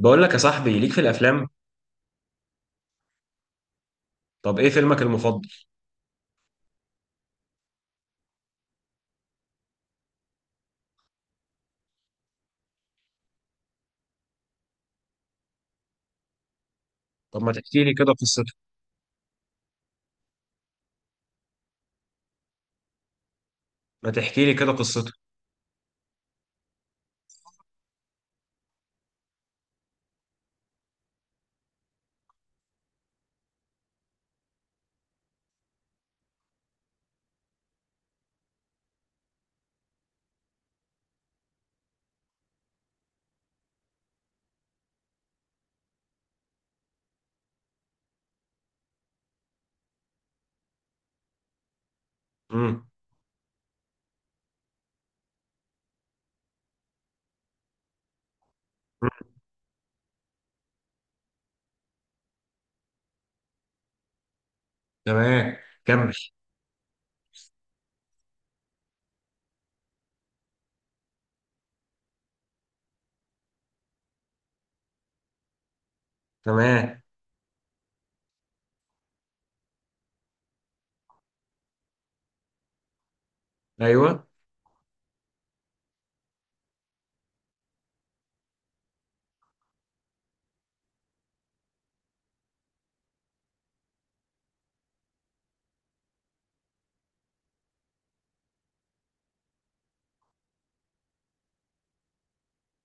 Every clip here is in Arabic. بقول لك يا صاحبي، ليك في الافلام؟ طب ايه فيلمك المفضل؟ طب ما تحكي لي كده قصته. ما تحكي لي كده قصته. امم. تمام. كمل. تمام. ايوه.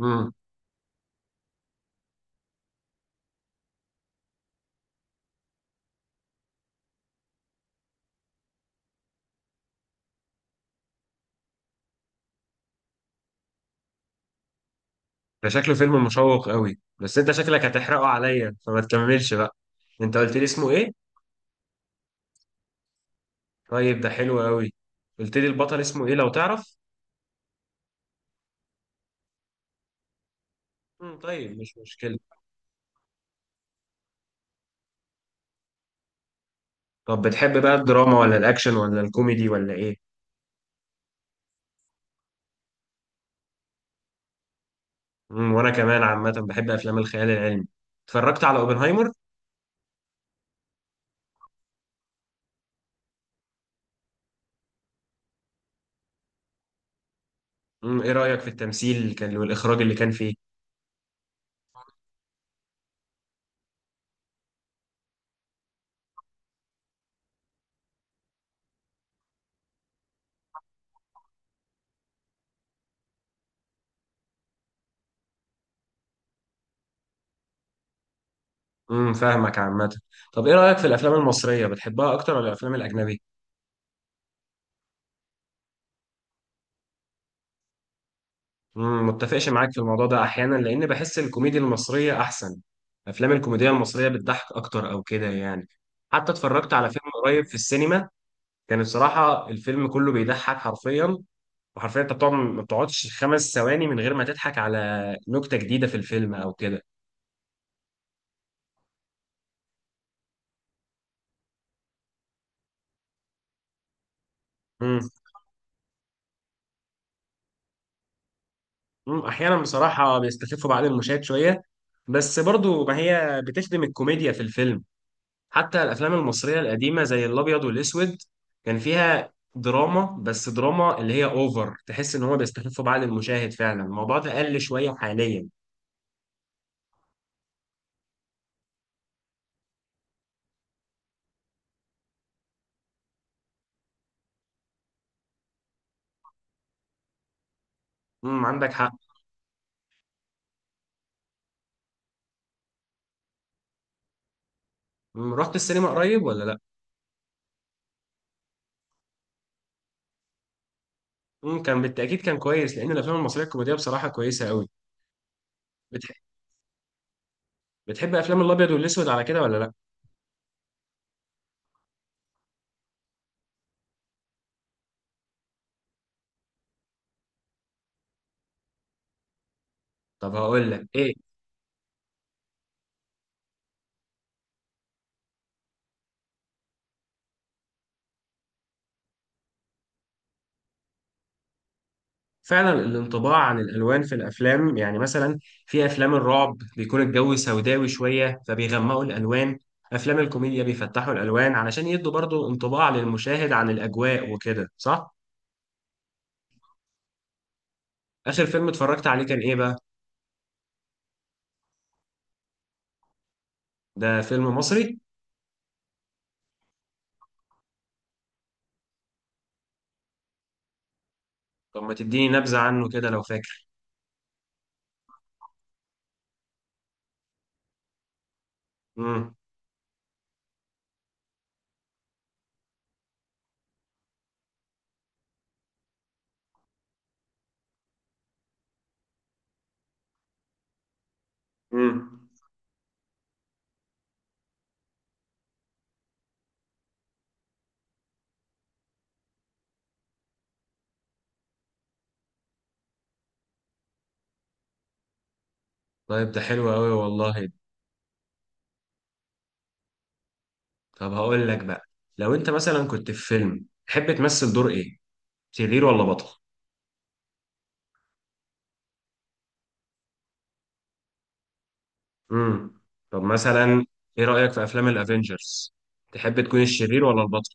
امم. ده شكله فيلم مشوق قوي، بس انت شكلك هتحرقه عليا فما تكملش بقى. انت قلت لي اسمه ايه؟ طيب ده حلو قوي. قلت لي البطل اسمه ايه لو تعرف؟ امم، طيب مش مشكلة. طب بتحب بقى الدراما ولا الاكشن ولا الكوميدي ولا ايه؟ امم، وانا كمان عامة بحب افلام الخيال العلمي. اتفرجت على اوبنهايمر؟ امم، ايه رأيك في التمثيل اللي كان والاخراج اللي كان فيه؟ امم، فاهمك عامة. طب ايه رأيك في الافلام المصرية، بتحبها اكتر ولا الافلام الاجنبي؟ امم، متفقش معاك في الموضوع ده احيانا، لان بحس الكوميديا المصرية احسن. افلام الكوميديا المصرية بتضحك اكتر او كده يعني. حتى اتفرجت على فيلم قريب في السينما، كان الصراحة الفيلم كله بيضحك حرفيا. وحرفيا انت بتقعد ما بتقعدش خمس ثواني من غير ما تضحك على نكتة جديدة في الفيلم او كده. مم، احيانا بصراحه بيستخفوا بعض المشاهد شويه، بس برضو ما هي بتخدم الكوميديا في الفيلم. حتى الافلام المصريه القديمه زي الابيض والاسود كان فيها دراما، بس دراما اللي هي اوفر، تحس ان هو بيستخفوا بعض المشاهد فعلا. الموضوع ده قل شويه حاليا. امم، عندك حق. مم، رحت السينما قريب ولا لا؟ امم، كان بالتاكيد كان كويس، لان الافلام المصريه الكوميديه بصراحه كويسه قوي. بتح... بتحب افلام الابيض والاسود على كده ولا لا؟ طب هقول لك ايه. فعلا الانطباع عن الالوان في الافلام، يعني مثلا في افلام الرعب بيكون الجو سوداوي شويه فبيغمقوا الالوان، افلام الكوميديا بيفتحوا الالوان علشان يدوا برضو انطباع للمشاهد عن الاجواء وكده، صح. اخر فيلم اتفرجت عليه كان ايه بقى؟ ده فيلم مصري؟ طب ما تديني نبذه عنه كده لو فاكر. امم. امم. طيب ده حلو قوي والله. طب هقول لك بقى، لو انت مثلا كنت في فيلم تحب تمثل دور ايه، شرير ولا بطل؟ امم، طب مثلا ايه رأيك في افلام الافينجرز؟ تحب تكون الشرير ولا البطل؟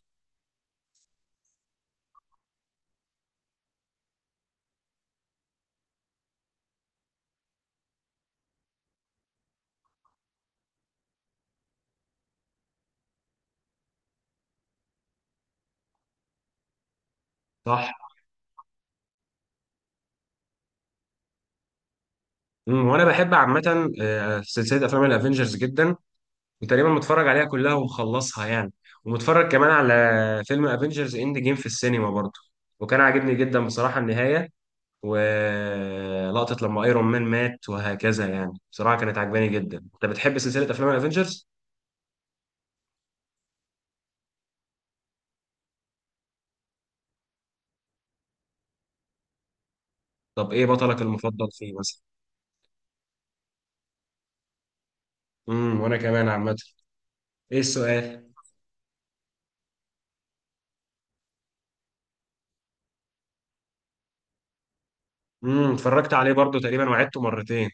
صح. امم، وانا بحب عامة آه، سلسلة افلام الافينجرز جدا. وتقريبا متفرج عليها كلها ومخلصها يعني. ومتفرج كمان على فيلم افينجرز اند جيم في السينما برضه، وكان عاجبني جدا بصراحة النهاية، ولقطة لما ايرون مان مات وهكذا. يعني بصراحة كانت عجباني جدا. انت بتحب سلسلة افلام الافينجرز؟ طب ايه بطلك المفضل فيه مثلا؟ امم، وانا كمان عامة. ايه السؤال؟ امم، اتفرجت عليه برضو تقريبا وعدته مرتين.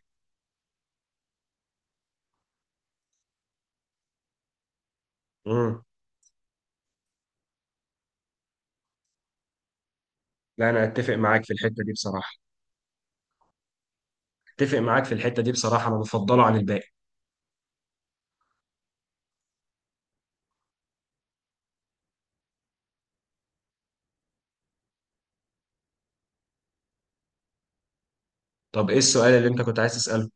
امم، لا انا اتفق معاك في الحته دي بصراحه. اتفق معاك في الحته دي بصراحه، انا بفضله عن الباقي. طب ايه السؤال اللي انت كنت عايز تساله؟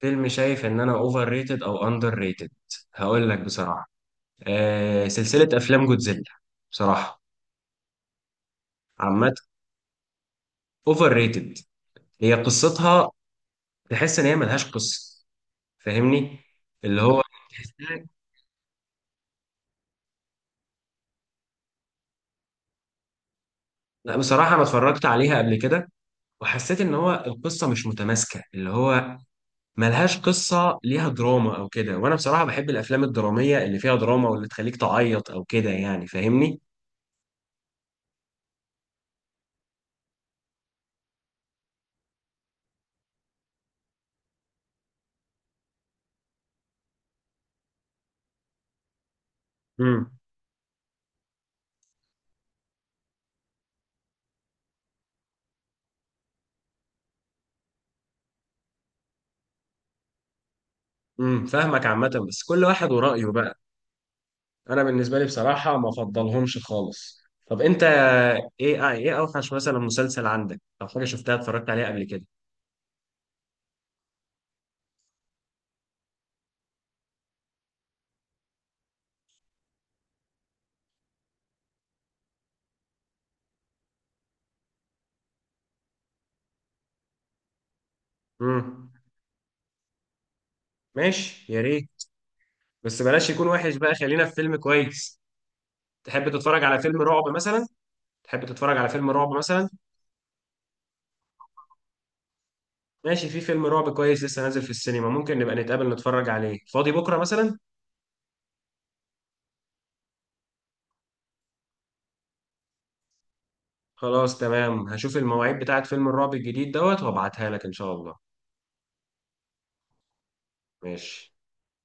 فيلم شايف ان انا اوفر ريتد او اندر ريتد؟ هقول لك بصراحه، آه، سلسله افلام جودزيلا. بصراحه عامه اوفر ريتد. هي قصتها، تحس ان هي ملهاش قصه. فاهمني؟ اللي هو تحسها- لا بصراحه انا اتفرجت عليها قبل كده، وحسيت ان هو القصه مش متماسكه، اللي هو ملهاش قصة ليها دراما أو كده. وأنا بصراحة بحب الأفلام الدرامية اللي فيها دراما، واللي تخليك تعيط أو كده، يعني فاهمني؟ امم. امم، فاهمك عامة، بس كل واحد ورأيه بقى. أنا بالنسبة لي بصراحة ما أفضلهمش خالص. طب أنت، إيه أوحش مثلا مسلسل عندك أو حاجة شفتها اتفرجت عليها قبل كده؟ امم، ماشي يا ريت. بس بلاش يكون وحش بقى، خلينا في فيلم كويس. تحب تتفرج على فيلم رعب مثلا؟ تحب تتفرج على فيلم رعب مثلا؟ ماشي، في فيلم رعب كويس لسه نازل في السينما، ممكن نبقى نتقابل نتفرج عليه، فاضي بكرة مثلا؟ خلاص تمام، هشوف المواعيد بتاعت فيلم الرعب الجديد دوت وابعتها لك ان شاء الله. ماشي.